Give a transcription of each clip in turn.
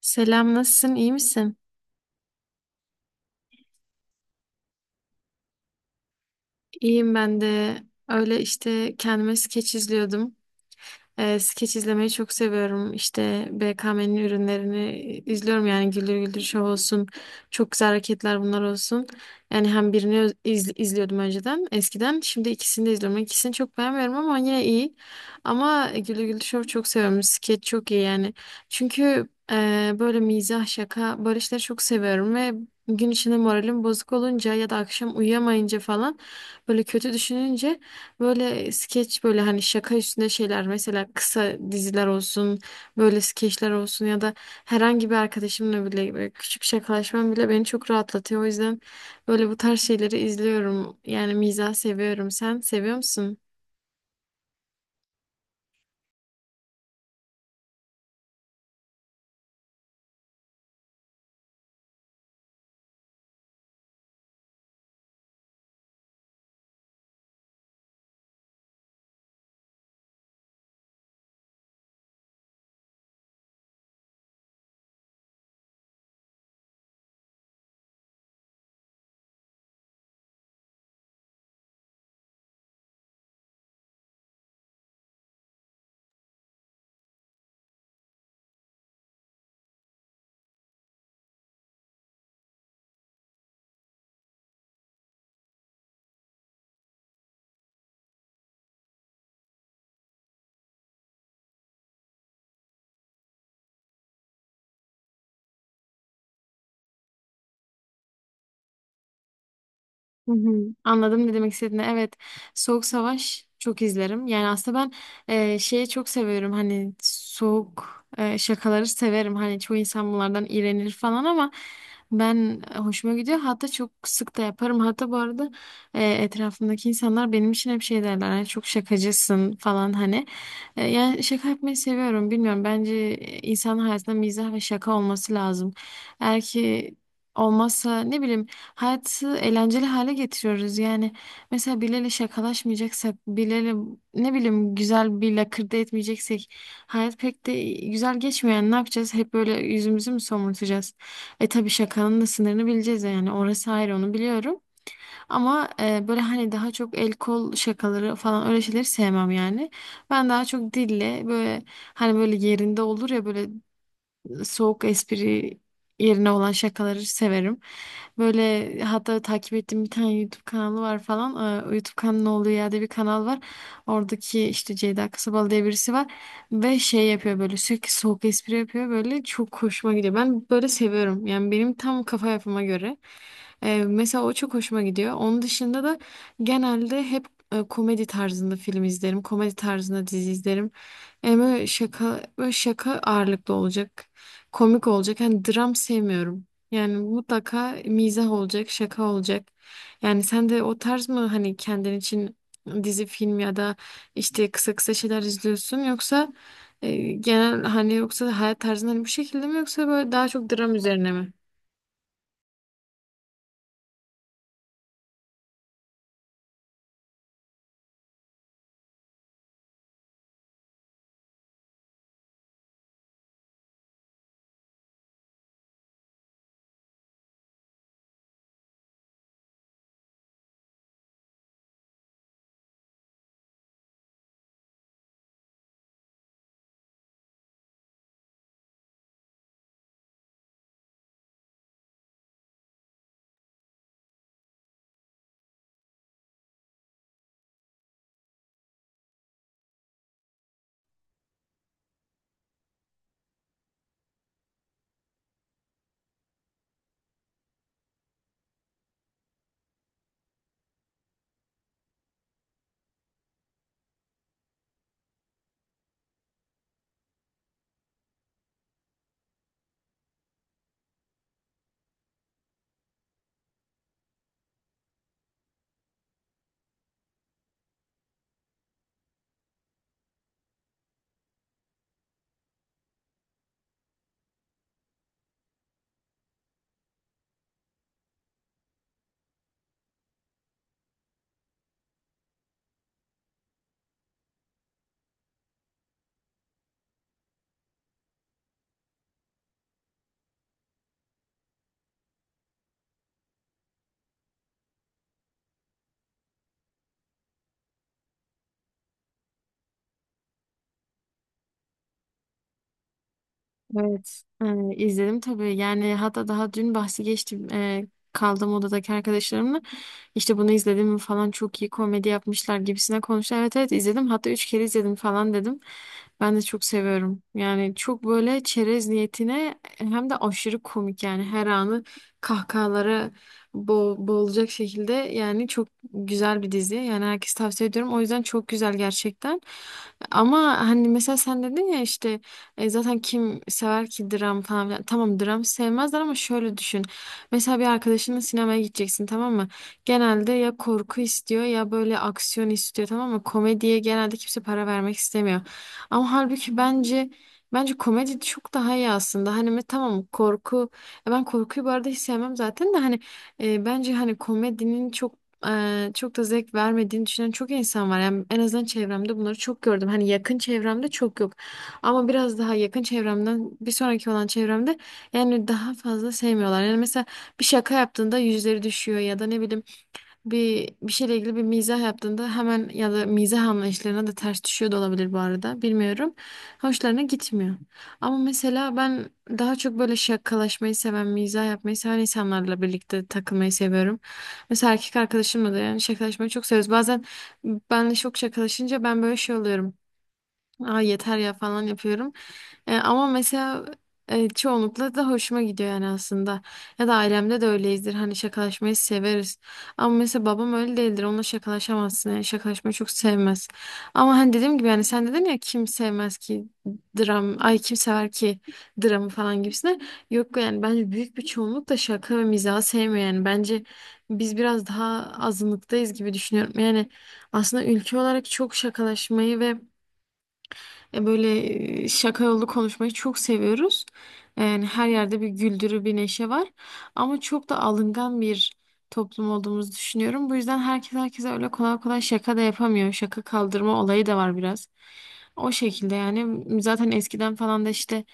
Selam, nasılsın? İyi misin? İyiyim ben de. Öyle işte kendime skeç izliyordum. Skeç izlemeyi çok seviyorum. İşte BKM'nin ürünlerini izliyorum yani Güldür Güldür Show olsun. Çok güzel hareketler bunlar olsun. Yani hem birini izliyordum önceden eskiden. Şimdi ikisini de izliyorum. İkisini çok beğenmiyorum ama yine iyi. Ama Güldür Güldür Show çok seviyorum. Skeç çok iyi yani. Çünkü böyle mizah, şaka böyle işleri çok seviyorum ve gün içinde moralim bozuk olunca ya da akşam uyuyamayınca falan böyle kötü düşününce böyle skeç böyle hani şaka üstüne şeyler, mesela kısa diziler olsun, böyle skeçler olsun ya da herhangi bir arkadaşımla bile böyle küçük şakalaşmam bile beni çok rahatlatıyor. O yüzden böyle bu tarz şeyleri izliyorum. Yani mizah seviyorum. Sen seviyor musun? Hı hı, anladım ne demek istediğini. Evet, Soğuk Savaş çok izlerim. Yani aslında ben şeyi çok seviyorum. Hani soğuk şakaları severim. Hani çoğu insan bunlardan iğrenir falan ama ben hoşuma gidiyor. Hatta çok sık da yaparım. Hatta bu arada etrafımdaki insanlar benim için hep şey derler. Hani çok şakacısın falan hani. Yani şaka yapmayı seviyorum. Bilmiyorum. Bence insanın hayatında mizah ve şaka olması lazım. Eğer ki olmazsa, ne bileyim, hayatı eğlenceli hale getiriyoruz yani. Mesela birileriyle şakalaşmayacaksak, birileriyle ne bileyim güzel bir lakırdı etmeyeceksek hayat pek de güzel geçmiyor. Yani ne yapacağız? Hep böyle yüzümüzü mü somurtacağız? E tabii şakanın da sınırını bileceğiz yani. Orası ayrı, onu biliyorum. Ama böyle hani daha çok el kol şakaları falan, öyle şeyleri sevmem yani. Ben daha çok dille böyle, hani böyle yerinde olur ya, böyle soğuk espri yerine olan şakaları severim. Böyle hatta takip ettiğim bir tane YouTube kanalı var falan. YouTube kanalı olduğu yerde bir kanal var. Oradaki işte Ceyda Kasabalı diye birisi var. Ve şey yapıyor, böyle sürekli soğuk espri yapıyor. Böyle çok hoşuma gidiyor. Ben böyle seviyorum. Yani benim tam kafa yapıma göre. Mesela o çok hoşuma gidiyor. Onun dışında da genelde hep komedi tarzında film izlerim. Komedi tarzında dizi izlerim. Yani böyle şaka, böyle şaka ağırlıklı olacak, komik olacak. Hani dram sevmiyorum. Yani mutlaka mizah olacak, şaka olacak. Yani sen de o tarz mı hani kendin için dizi, film ya da işte kısa kısa şeyler izliyorsun, yoksa genel hani, yoksa hayat tarzın hani bu şekilde mi, yoksa böyle daha çok dram üzerine mi? Evet, izledim tabii. Yani hatta daha dün bahsi geçtim, kaldığım odadaki arkadaşlarımla. İşte bunu izledim mi falan, çok iyi komedi yapmışlar gibisine konuştular. Evet evet izledim. Hatta üç kere izledim falan dedim. Ben de çok seviyorum. Yani çok böyle çerez niyetine, hem de aşırı komik yani, her anı kahkahalara boğulacak şekilde yani. Çok güzel bir dizi. Yani herkes tavsiye ediyorum. O yüzden çok güzel gerçekten. Ama hani mesela sen dedin ya işte, zaten kim sever ki dram falan filan. Tamam, dram sevmezler ama şöyle düşün. Mesela bir arkadaşınla sinemaya gideceksin, tamam mı? Genelde ya korku istiyor ya böyle aksiyon istiyor, tamam mı? Komediye genelde kimse para vermek istemiyor. Ama halbuki bence komedi çok daha iyi aslında. Hani tamam korku. Ben korkuyu bu arada hiç sevmem zaten. De hani bence hani komedinin çok, çok da zevk vermediğini düşünen çok insan var. Yani en azından çevremde bunları çok gördüm. Hani yakın çevremde çok yok. Ama biraz daha yakın çevremden bir sonraki olan çevremde yani daha fazla sevmiyorlar. Yani mesela bir şaka yaptığında yüzleri düşüyor ya da ne bileyim bir şeyle ilgili bir mizah yaptığında hemen, ya da mizah anlayışlarına da ters düşüyor da olabilir bu arada, bilmiyorum. Hoşlarına gitmiyor. Ama mesela ben daha çok böyle şakalaşmayı seven, mizah yapmayı seven insanlarla birlikte takılmayı seviyorum. Mesela erkek arkadaşımla da yani şakalaşmayı çok seviyoruz. Bazen benle çok şakalaşınca ben böyle şey oluyorum. Aa, yeter ya falan yapıyorum. Ama mesela çoğunlukla da hoşuma gidiyor yani aslında. Ya da ailemde de öyleyizdir. Hani şakalaşmayı severiz. Ama mesela babam öyle değildir. Onunla şakalaşamazsın. Yani şakalaşmayı çok sevmez. Ama hani dediğim gibi yani sen dedin ya, kim sevmez ki dram, ay kim sever ki dramı falan gibisine. Yok yani bence büyük bir çoğunluk da şaka ve mizahı sevmiyor yani. Bence biz biraz daha azınlıktayız gibi düşünüyorum. Yani aslında ülke olarak çok şakalaşmayı ve böyle şaka yollu konuşmayı çok seviyoruz. Yani her yerde bir güldürü, bir neşe var. Ama çok da alıngan bir toplum olduğumuzu düşünüyorum. Bu yüzden herkes herkese öyle kolay kolay şaka da yapamıyor. Şaka kaldırma olayı da var biraz. O şekilde yani. Zaten eskiden falan da işte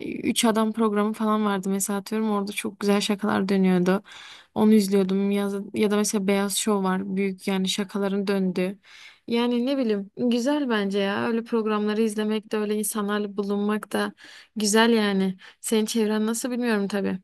Üç Adam programı falan vardı mesela, atıyorum, orada çok güzel şakalar dönüyordu. Onu izliyordum ya, ya da mesela Beyaz Şov var, büyük yani şakaların döndüğü. Yani ne bileyim, güzel bence ya. Öyle programları izlemek de öyle insanlarla bulunmak da güzel yani. Senin çevren nasıl bilmiyorum tabii.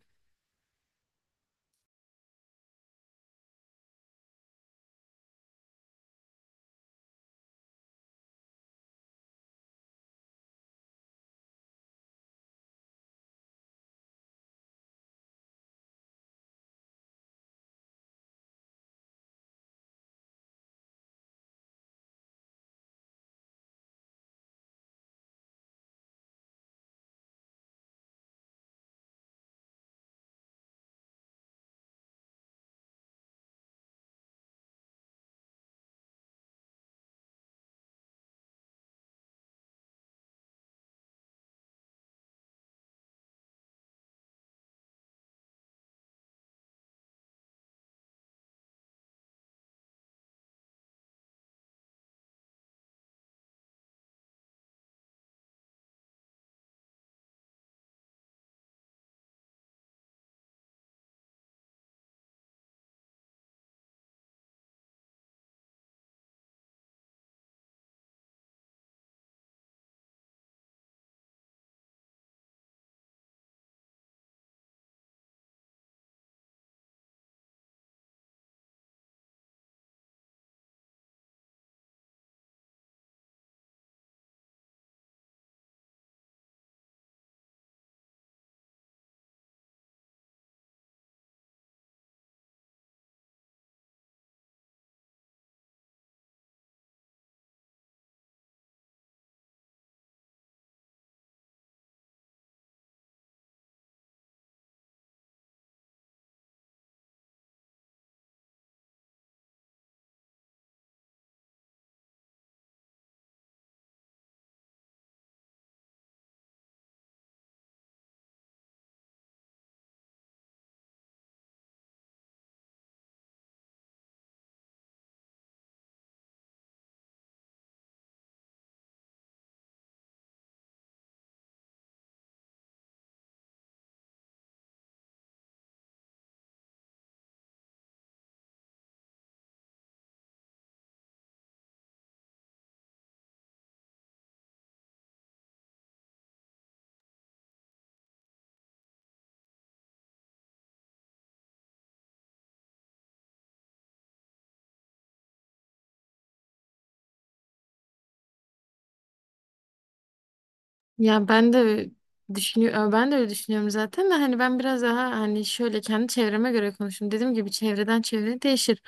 Ya ben de düşünüyorum, ben de öyle düşünüyorum zaten. De hani ben biraz daha hani şöyle kendi çevreme göre konuştum. Dediğim gibi çevreden çevreye değişir.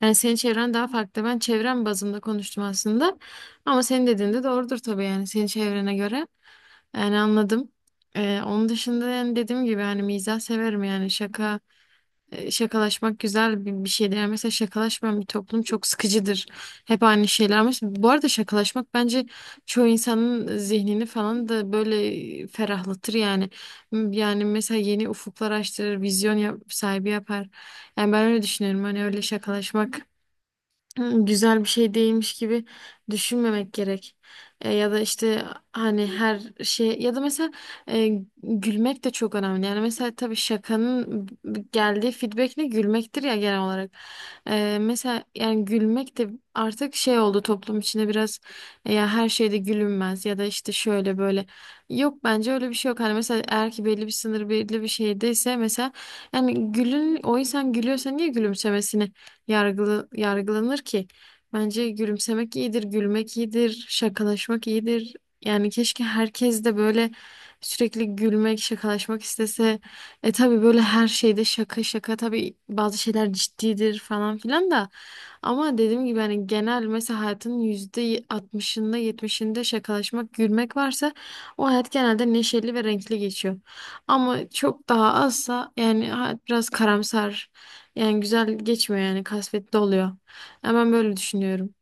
Yani senin çevren daha farklı. Ben çevrem bazında konuştum aslında. Ama senin dediğin de doğrudur tabii, yani senin çevrene göre. Yani anladım. Onun dışında yani dediğim gibi hani mizah severim yani şaka. Şakalaşmak güzel bir şeydir. Yani mesela şakalaşmayan bir toplum çok sıkıcıdır. Hep aynı şeyler. Bu arada şakalaşmak bence çoğu insanın zihnini falan da böyle ferahlatır yani. Yani mesela yeni ufuklar açtırır, vizyon sahibi yapar. Yani ben öyle düşünüyorum. Hani öyle şakalaşmak Hı, güzel bir şey değilmiş gibi düşünmemek gerek. Ya da işte hani her şey ya da mesela e, gülmek de çok önemli. Yani mesela tabii şakanın geldiği feedback ne, gülmektir ya genel olarak. Mesela yani gülmek de artık şey oldu toplum içinde biraz, ya her şeyde gülünmez ya da işte şöyle böyle. Yok, bence öyle bir şey yok. Hani mesela eğer ki belli bir sınır, belli bir şeydeyse mesela, yani gülün, o insan gülüyorsa niye gülümsemesini yargılı, yargılanır ki. Bence gülümsemek iyidir, gülmek iyidir, şakalaşmak iyidir. Yani keşke herkes de böyle sürekli gülmek, şakalaşmak istese. E tabii böyle her şeyde şaka şaka, tabii bazı şeyler ciddidir falan filan da. Ama dediğim gibi hani genel mesela hayatın yüzde altmışında yetmişinde şakalaşmak, gülmek varsa o hayat genelde neşeli ve renkli geçiyor. Ama çok daha azsa yani hayat biraz karamsar, yani güzel geçmiyor yani, kasvetli oluyor. Yani ben böyle düşünüyorum.